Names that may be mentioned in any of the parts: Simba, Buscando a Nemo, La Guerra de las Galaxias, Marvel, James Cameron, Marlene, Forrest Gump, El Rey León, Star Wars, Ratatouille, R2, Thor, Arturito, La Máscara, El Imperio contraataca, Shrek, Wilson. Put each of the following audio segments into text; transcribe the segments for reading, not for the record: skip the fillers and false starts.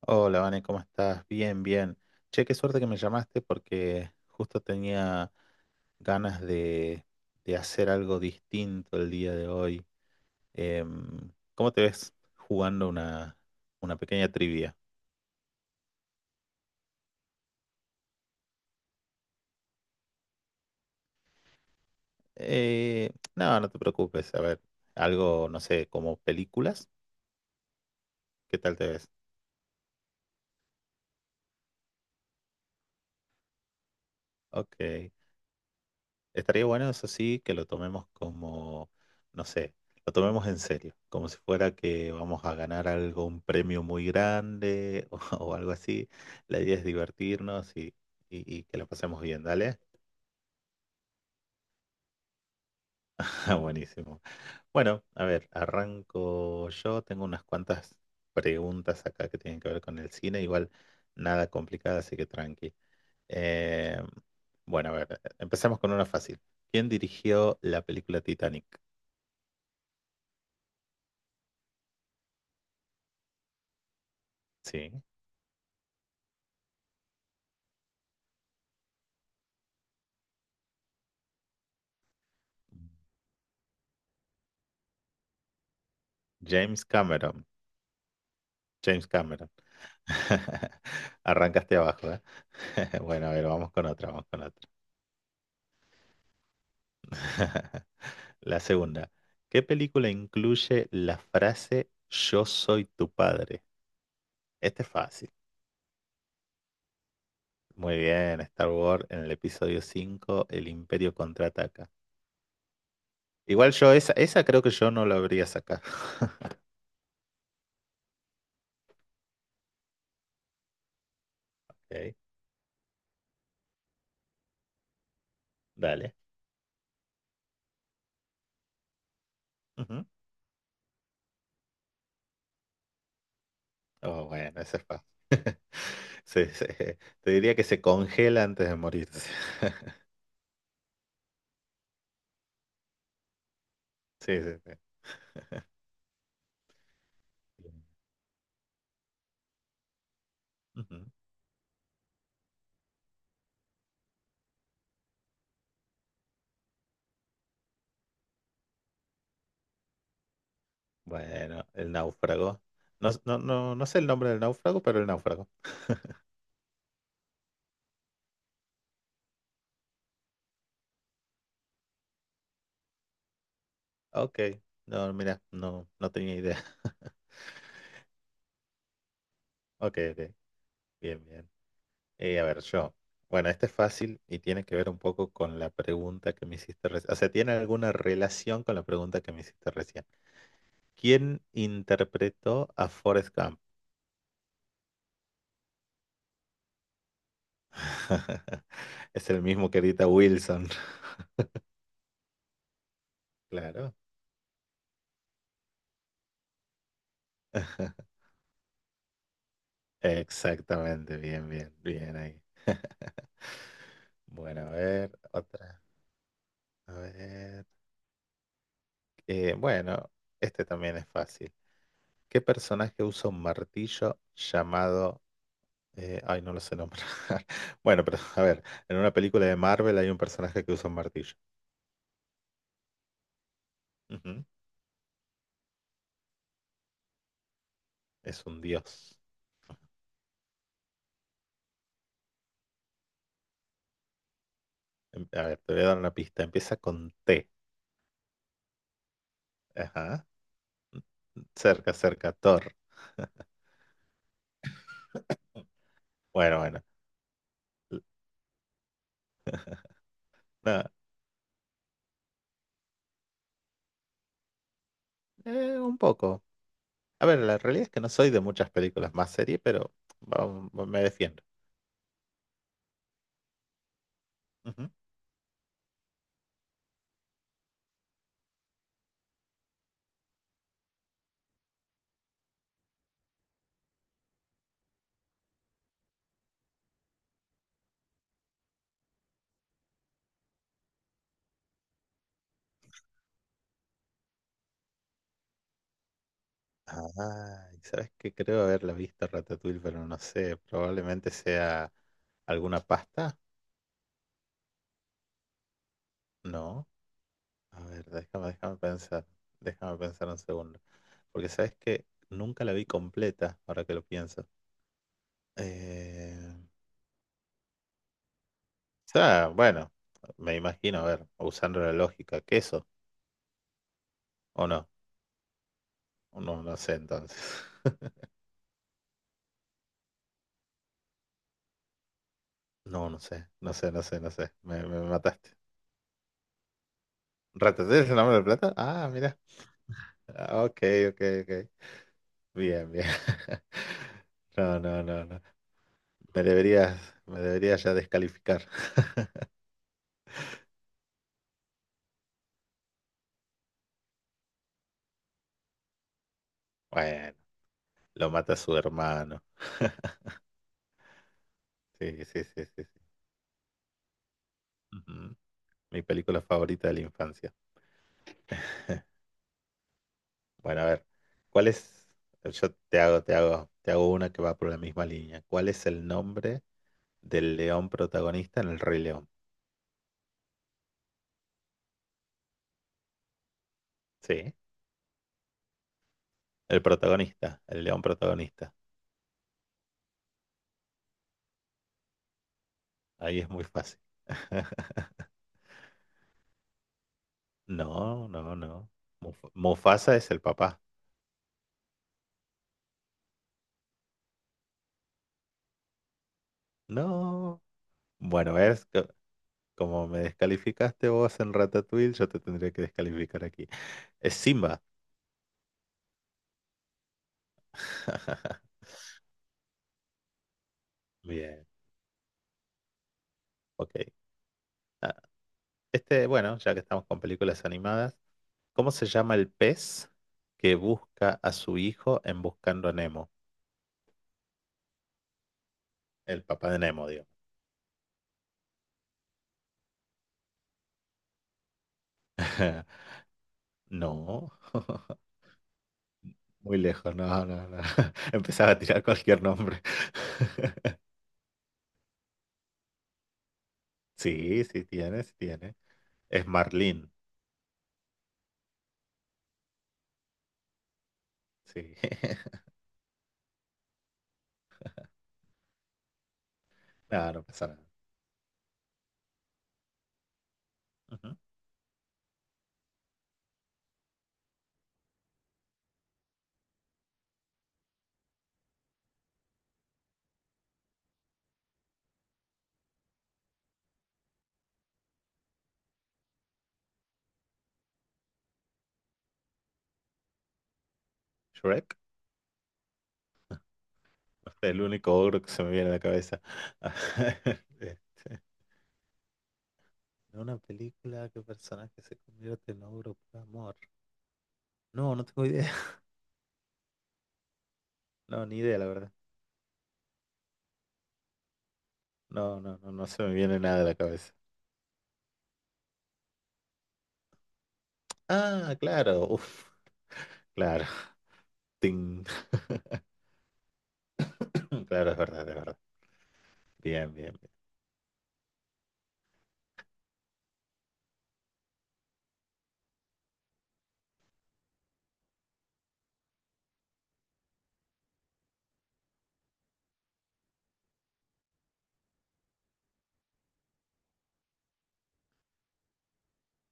Hola, Vane, ¿cómo estás? Bien, bien. Che, qué suerte que me llamaste porque justo tenía ganas de hacer algo distinto el día de hoy. ¿Cómo te ves jugando una pequeña trivia? Eh, no, no te preocupes. A ver, algo, no sé, como películas. ¿Qué tal te ves? Ok. Estaría bueno, eso sí, que lo tomemos como, no sé, lo tomemos en serio, como si fuera que vamos a ganar algo, un premio muy grande o algo así. La idea es divertirnos y que la pasemos bien, ¿dale? Ah, buenísimo. Bueno, a ver, arranco yo. Tengo unas cuantas preguntas acá que tienen que ver con el cine, igual nada complicada, así que tranqui. Eh, bueno, a ver, empezamos con una fácil. ¿Quién dirigió la película Titanic? Sí. James Cameron. James Cameron. Arrancaste abajo, ¿eh? Bueno, a ver, vamos con otra, vamos con otra. La segunda. ¿Qué película incluye la frase Yo soy tu padre? Este es fácil. Muy bien, Star Wars en el episodio 5, El Imperio contraataca. Igual yo esa, esa creo que yo no la habría sacado. Ok, dale. Ujú. Oh, bueno, esa es fácil. Te diría que se congela antes de morirse. Sí, sí, sí. Ujú. Bueno, el náufrago. No, no, no, no sé el nombre del náufrago, pero el náufrago. Ok. No, mira, no, no tenía idea. Ok, ok. Bien, bien. A ver, yo. Bueno, este es fácil y tiene que ver un poco con la pregunta que me hiciste recién. O sea, tiene alguna relación con la pregunta que me hiciste recién. ¿Quién interpretó a Forrest Gump? Es el mismo que edita Wilson. Claro. Exactamente, bien, bien, bien ahí. Bueno, a ver, otra. A ver. Bueno, este también es fácil. ¿Qué personaje usa un martillo llamado... ay, no lo sé nombrar. Bueno, pero a ver, en una película de Marvel hay un personaje que usa un martillo. Ujú. Es un dios. A ver, te voy a dar una pista. Empieza con T. Ajá. Cerca, cerca, Thor. Bueno, bueno. L- nada, un poco. A ver, la realidad es que no soy de muchas películas más serie, pero vamos, me defiendo. Ah, y ¿sabes que creo haberla visto Ratatouille, pero no sé, probablemente sea alguna pasta, ¿no? A ver, déjame pensar, déjame pensar un segundo, porque sabes que nunca la vi completa, ahora que lo pienso. Eh, o sea, bueno, me imagino, a ver, usando la lógica, queso, ¿o no? No, no sé entonces. No, no sé, no sé, no sé, no sé, me mataste. ¿Ratatouille es el nombre de plata? Ah, mira, ah, ok, ok, ok. Bien, bien. No, no, no, no. Me deberías, me deberías ya descalificar. Bueno, lo mata su hermano. Sí, sí, sí, sí, sí. Ujú. Mi película favorita de la infancia. Bueno, a ver, ¿cuál es? Yo te hago, te hago una que va por la misma línea. ¿Cuál es el nombre del león protagonista en El Rey León? Sí, el protagonista, el león protagonista. Ahí es muy fácil. No, no, no. Mufasa es el papá. No. Bueno, ¿ves? Como me descalificaste vos en Ratatouille, yo te tendría que descalificar aquí. Es Simba. Bien, ok. Ah, este, bueno, ya que estamos con películas animadas, ¿cómo se llama el pez que busca a su hijo en Buscando a Nemo? El papá de Nemo, digo. No, muy lejos, no, no, no. Empezaba a tirar cualquier nombre. Sí, sí tiene, sí tiene. Es Marlene, sí. No, no pasa nada. Ujú. Shrek. El único ogro que se me viene a la cabeza. Este, una película que personaje se convierte en ogro por amor. No, no tengo idea. No, ni idea, la verdad. No, no, no, no se me viene nada a la cabeza. Ah, claro. Uf, claro. Ting. Claro, es verdad, es verdad. Bien, bien, bien.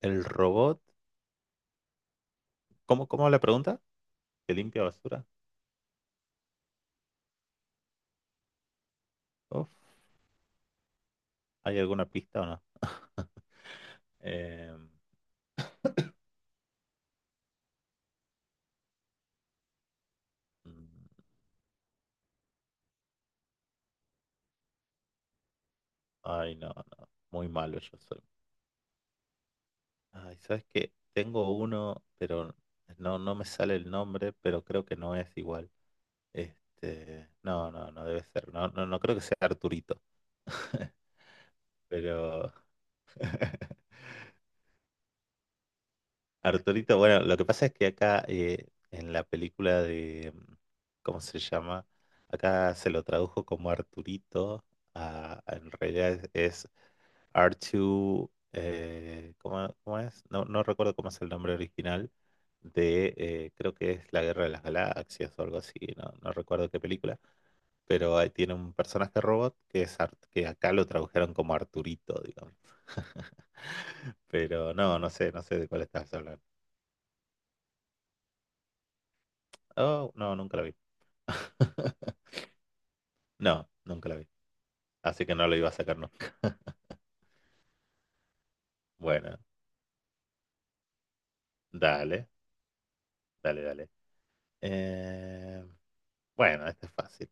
El robot. ¿Cómo, cómo la pregunta? ¿Que limpia basura? Uf, ¿hay alguna pista o no? Eh, mm, ay, no, no. Muy malo yo soy. Ay, ¿sabes qué? Tengo uno, pero no, no me sale el nombre, pero creo que no es igual. Este, no, no, no debe ser. No, no, no creo que sea Arturito. Pero Arturito, bueno, lo que pasa es que acá en la película de, ¿cómo se llama? Acá se lo tradujo como Arturito. En realidad es R2, ¿cómo, cómo es? No, no recuerdo cómo es el nombre original de, creo que es La Guerra de las Galaxias o algo así, no, no recuerdo qué película, pero ahí tiene un personaje robot que es que acá lo tradujeron como Arturito, digamos. Pero no, no sé, no sé de cuál estás hablando. Oh, no, nunca la vi. No, nunca la vi. Así que no lo iba a sacar nunca. Bueno, dale, dale, dale. Eh, bueno, este es fácil.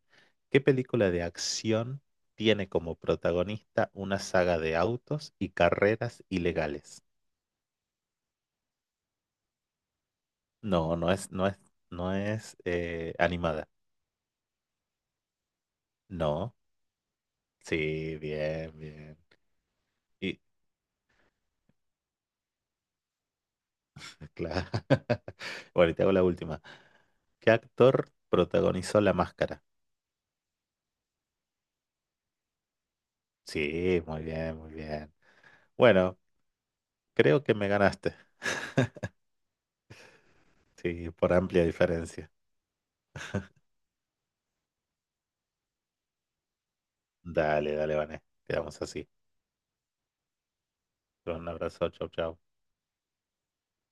¿Qué película de acción tiene como protagonista una saga de autos y carreras ilegales? No, no es, no es, no es animada. No, sí, bien, bien. Y claro. Bueno, y te hago la última. ¿Qué actor protagonizó La Máscara? Sí, muy bien, muy bien. Bueno, creo que me ganaste, sí, por amplia diferencia. Dale, dale, Vané. Quedamos así. Un abrazo, chau, chau.